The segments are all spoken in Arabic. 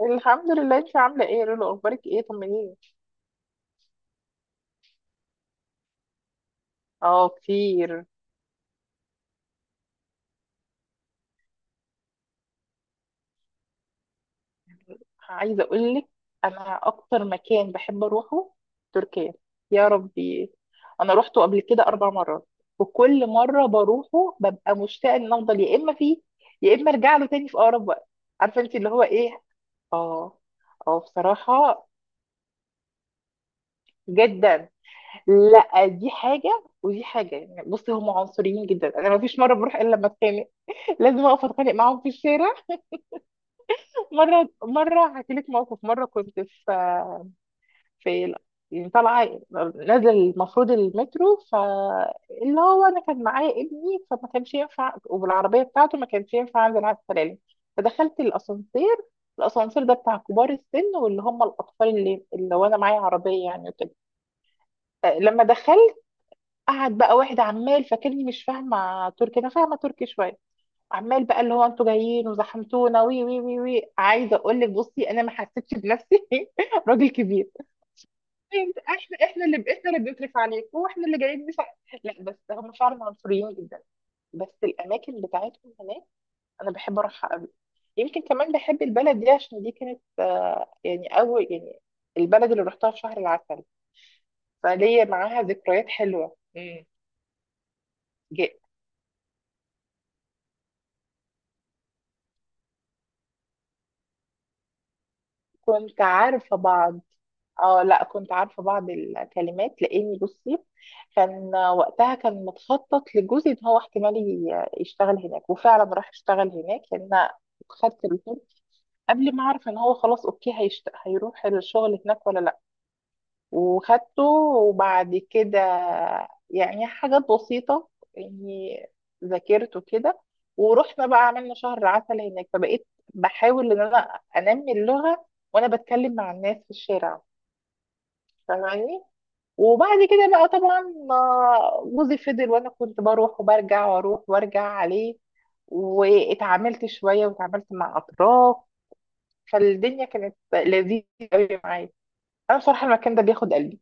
الحمد لله. انت عامله ايه يا لولو؟ اخبارك ايه؟ طمنيني. اه، كتير. عايزه اقول لك، انا اكتر مكان بحب اروحه تركيا. يا ربي، انا روحته قبل كده 4 مرات، وكل مره بروحه ببقى مشتاقه ان افضل يا اما فيه، يا اما ارجع له تاني في اقرب وقت. عارفه انت اللي هو ايه؟ اه. اه، بصراحه. جدا. لا، دي حاجه ودي حاجه، يعني بصي هم عنصريين جدا، انا ما فيش مره بروح الا لما اتخانق. لازم اقف اتخانق معاهم في الشارع. مرة هحكي لك موقف. مرة كنت في يعني طالعة، نازل المفروض المترو، فاللي هو أنا كان معايا ابني، فما كانش ينفع، وبالعربية بتاعته ما كانش ينفع أنزل على السلالم. فدخلت الأسانسير. الأسانسير ده بتاع كبار السن، واللي هم الأطفال، اللي وأنا معايا عربية يعني وكده. لما دخلت، قعد بقى واحد عمال فاكرني مش فاهمة تركي، أنا فاهمة تركي شوية. عمال بقى اللي هو انتوا جايين وزحمتونا، وي وي وي وي. عايزه اقول لك بصي، انا ما حسيتش بنفسي. راجل كبير! احنا اللي بنصرف عليك، واحنا اللي جايين، مش ع- لا، بس هم فعلا عنصريين جدا. بس الاماكن بتاعتهم هناك انا بحب اروحها قوي. يمكن كمان بحب البلد دي عشان دي كانت، يعني اول يعني البلد اللي رحتها في شهر العسل. فليا معاها ذكريات حلوه. مم. ج- كنت عارفه بعض. اه، لا، كنت عارفة بعض الكلمات، لاني بصي، كان وقتها كان متخطط لجوزي ان هو احتمال يشتغل هناك، وفعلا راح اشتغل هناك، يعني انا خدت الكورس قبل ما اعرف ان هو خلاص اوكي، هيروح الشغل هناك ولا لا. وخدته. وبعد كده يعني حاجات بسيطة، اني ذاكرت وكده. ورحنا بقى عملنا شهر عسل هناك، فبقيت بحاول ان انا انمي اللغة، وانا بتكلم مع الناس في الشارع فاهماني. وبعد كده بقى طبعا ما، جوزي فضل، وانا كنت بروح وبرجع واروح وارجع عليه، واتعاملت شويه واتعاملت مع اطراف، فالدنيا كانت لذيذه قوي معايا. انا بصراحه المكان ده بياخد قلبي،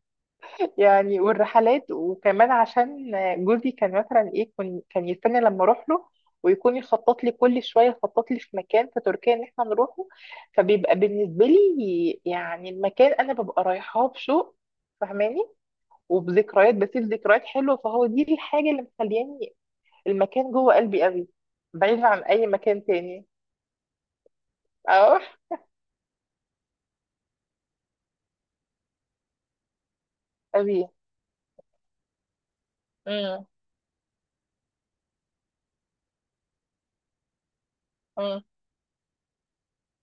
يعني. والرحلات وكمان عشان جوزي كان مثلا ايه، كان يستنى لما اروح له، ويكون يخطط لي كل شويه، يخطط لي في مكان في تركيا ان احنا نروحه. فبيبقى بالنسبه لي يعني المكان انا ببقى رايحاه بشوق، فاهماني، وبذكريات، بسيب ذكريات حلوه، فهو دي الحاجه اللي مخلياني المكان جوه قلبي قوي، بعيد عن اي مكان تاني اروح. ابي. امم امم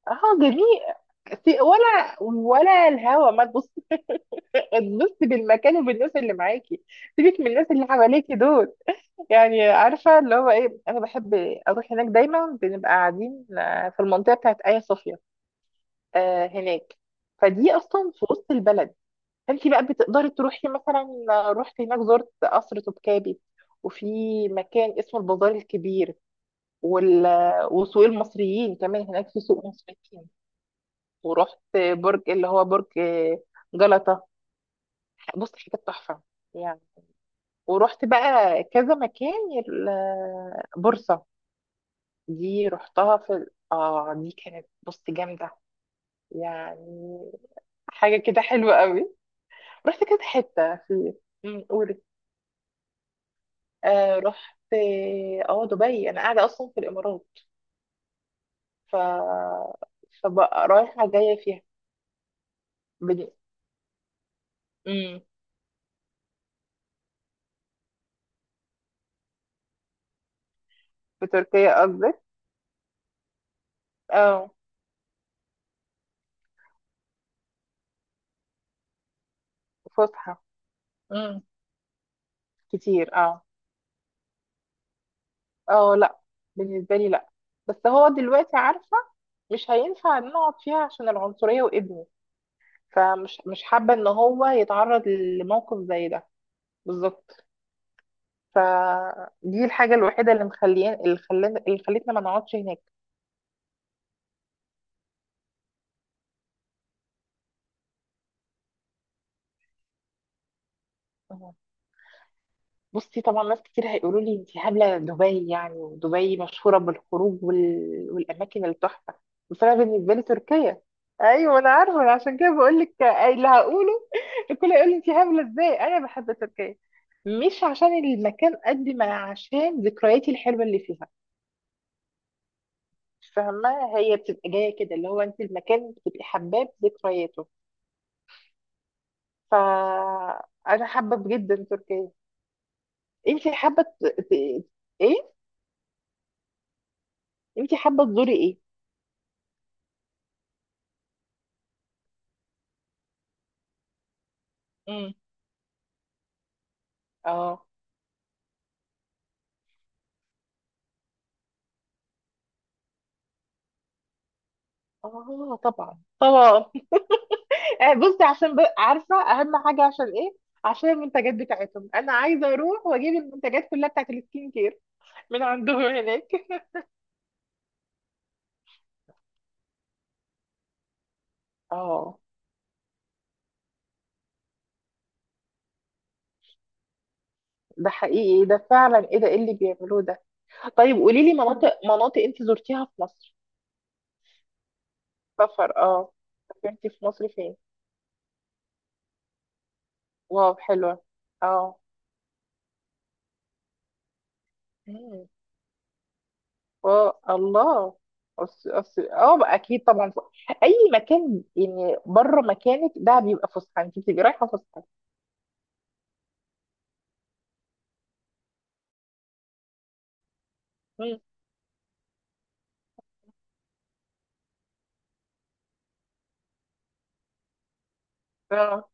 اه، جميل. ولا الهوا ما تبص. تبص بالمكان وبالناس اللي معاكي، سيبك من الناس اللي حواليكي دول. يعني عارفه اللي هو ايه، انا بحب اروح هناك. دايما بنبقى قاعدين في المنطقه بتاعت ايا صوفيا، هناك. فدي اصلا في وسط البلد، فانت بقى بتقدري تروحي مثلا. رحت هناك، زرت قصر توبكابي، وفي مكان اسمه البازار الكبير، وال... وسوق المصريين، كمان هناك في سوق مصريين. ورحت برج اللي هو برج جلطة. بص، حاجات تحفة يعني. ورحت بقى كذا مكان، بورصة. دي رحتها في دي كانت بص جامدة يعني، حاجة كده حلوة قوي. رحت كذا حتة في، قولي. آه، رحت دبي. انا قاعده اصلا في الامارات، ف، فبقى رايحه جايه فيها. بد... مم. في تركيا قصدك؟ اه. فسحه. امم. كتير، اه. اه، لا. بالنسبه لي لا. بس هو دلوقتي عارفه، مش هينفع نقعد فيها عشان العنصريه وابني. فمش مش حابه ان هو يتعرض لموقف زي ده. بالظبط. فدي الحاجه الوحيده اللي مخليان اللي خلان اللي خلتنا ما نقعدش هناك. بصي طبعا، ناس كتير هيقولوا لي انت هبله، دبي يعني، ودبي مشهوره بالخروج والاماكن التحفه، بس انا بالنسبه لي تركيا. ايوه انا عارفه، أنا عشان كده بقول لك اللي هقوله. الكل يقول لي انت هبله ازاي انا بحب تركيا، مش عشان المكان قد ما عشان ذكرياتي الحلوه اللي فيها. فاهمه، هي بتبقى جايه كده اللي هو انت المكان بتبقي حباه بذكرياته. فانا حابه جدا تركيا. انت حابه ايه، انت حابه تزوري ايه؟ اه، اه طبعا طبعا. بصي، عشان عارفه اهم حاجه عشان ايه؟ عشان المنتجات بتاعتهم. انا عايزه اروح واجيب المنتجات كلها بتاعت السكين كير من عندهم هناك. اه، ده حقيقي، ده فعلا ايه ده، ايه اللي بيعملوه ده؟ طيب قولي لي، مناطق انت زرتيها في مصر. سفر، اه. سافرتي في مصر فين؟ واو، حلوه. اه. مم. اه، الله. أص... أص... اه بقى اكيد طبعا، اي مكان يعني بره مكانك ده بيبقى فسحه، انت بتبقي رايحه فسحه. مم. اه.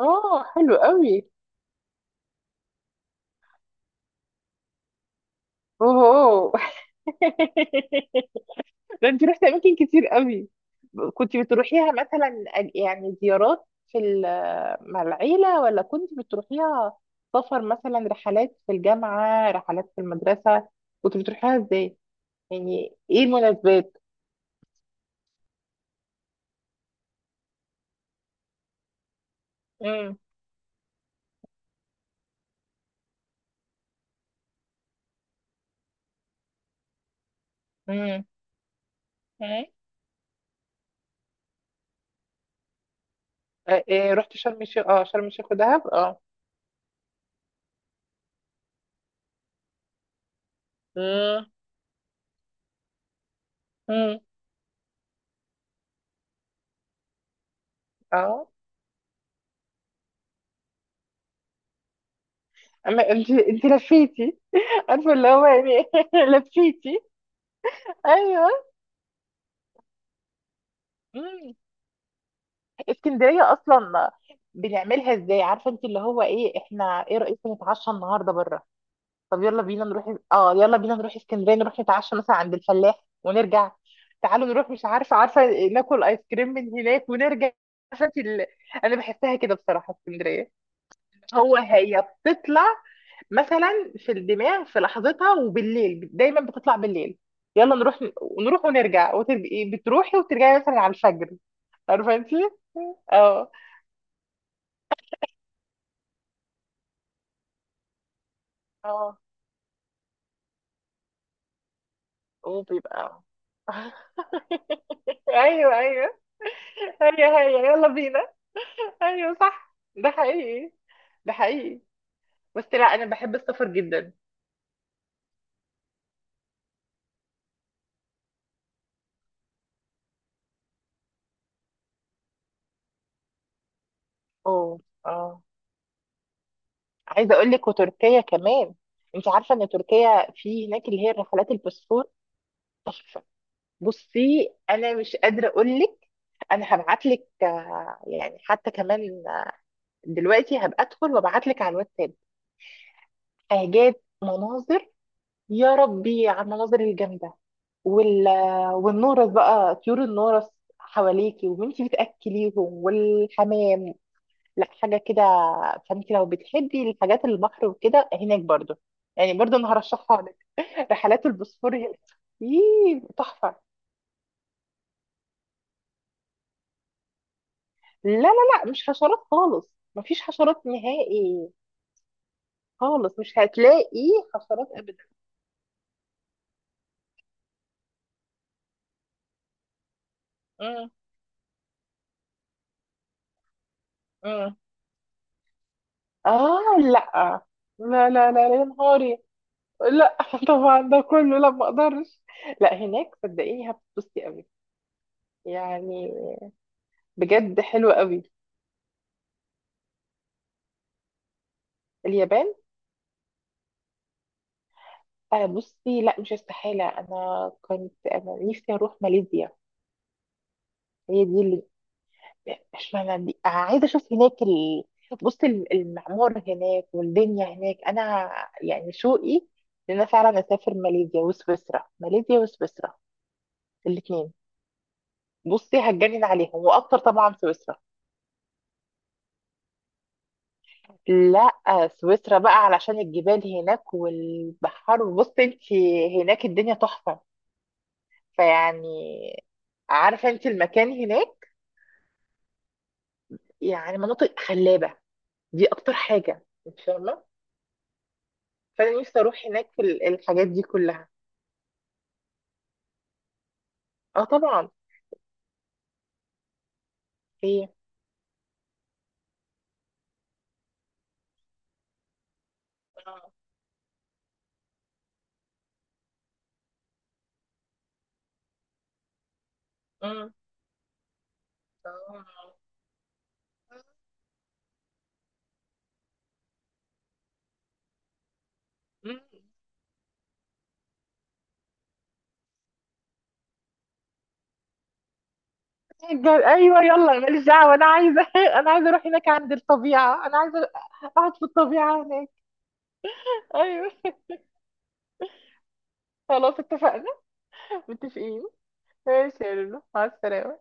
اه، حلو قوي. اوه. ده انت رحت اماكن كتير قوي! كنت بتروحيها مثلا، يعني زيارات مع العيله، ولا كنت بتروحيها سفر؟ مثلا رحلات في الجامعه، رحلات في المدرسه؟ كنت بتروحيها ازاي؟ يعني ايه المناسبات؟ امم آه، إيه رحت شرم الشيخ؟ اه، شرم الشيخ ودهب، اه. مم. مم. اه. اما انت لفيتي! عارفه اللي هو يعني. لفيتي. ايوه. مم. اسكندريه اصلا بنعملها ازاي، عارفه انت اللي هو ايه؟ احنا ايه رايكم نتعشى النهارده بره؟ طب يلا بينا نروح. اه يلا بينا نروح اسكندريه، نروح نتعشى مثلا عند الفلاح ونرجع. تعالوا نروح، مش عارفه، عارفه، ناكل ايس كريم من هناك ونرجع. عارفه انت انا بحسها كده بصراحه، اسكندريه. هو هي بتطلع مثلا في الدماغ في لحظتها، وبالليل، دايما بتطلع بالليل. يلا نروح، نروح ونرجع، وتبقي بتروحي وترجعي مثلا على الفجر. عارفه انت. اه. اه، وبيبقى. ايوه، ايوه. هي، هي يلا بينا. ايوه صح، ده حقيقي. ده حقيقي. بس لا، انا بحب السفر جدا. اوه. اه. عايزه اقول لك، وتركيا كمان. انت عارفه ان تركيا في هناك اللي هي الرحلات الباسفور. بصي انا مش قادره اقول لك، انا هبعت لك، يعني حتى كمان دلوقتي هبقى ادخل وابعت لك على الواتساب حاجات، مناظر. يا ربي على المناظر الجامده! وال والنورس بقى، طيور النورس حواليكي وانتي بتاكليهم، والحمام، لا حاجه كده. فانت لو بتحبي الحاجات البحر وكده، هناك برضو يعني، برضو انا هرشحها لك. رحلات البوسفور هناك، تحفه. لا لا لا، مش حشرات خالص. مفيش حشرات نهائي. خالص مش هتلاقي حشرات ابدا. مم. مم. اه، لا. لا لا لا، يا نهاري! لا، طبعا ده كله، لا ما اقدرش. لا، هناك صدقيني هتبسطي قوي يعني، بجد حلو قوي. اليابان؟ آه بصي، لا مش استحالة. انا كنت، انا نفسي اروح ماليزيا. هي دي. اشمعنى دي؟ عايزه اشوف هناك بص، المعمار هناك والدنيا هناك، انا يعني شوقي ان انا فعلا اسافر ماليزيا وسويسرا، ماليزيا وسويسرا، الاثنين. بصي هتجنن عليهم، واكتر طبعا سويسرا. لا، سويسرا بقى علشان الجبال هناك والبحر. بصي انت، هناك الدنيا تحفه، فيعني، عارفه انت المكان هناك يعني مناطق خلابه، دي اكتر حاجه انت فاهمه. فانا نفسي اروح هناك في الحاجات دي كلها. اه طبعا. ايه. اه. مم. اه. مم. قال ايوه، يلا أنا ماليش دعوه، انا عايزه، انا عايزه اروح هناك عند الطبيعه، انا عايزه اقعد في الطبيعه هناك. ايوه. خلاص، اتفقنا. متفقين. ماشي يا لولو، مع السلامه.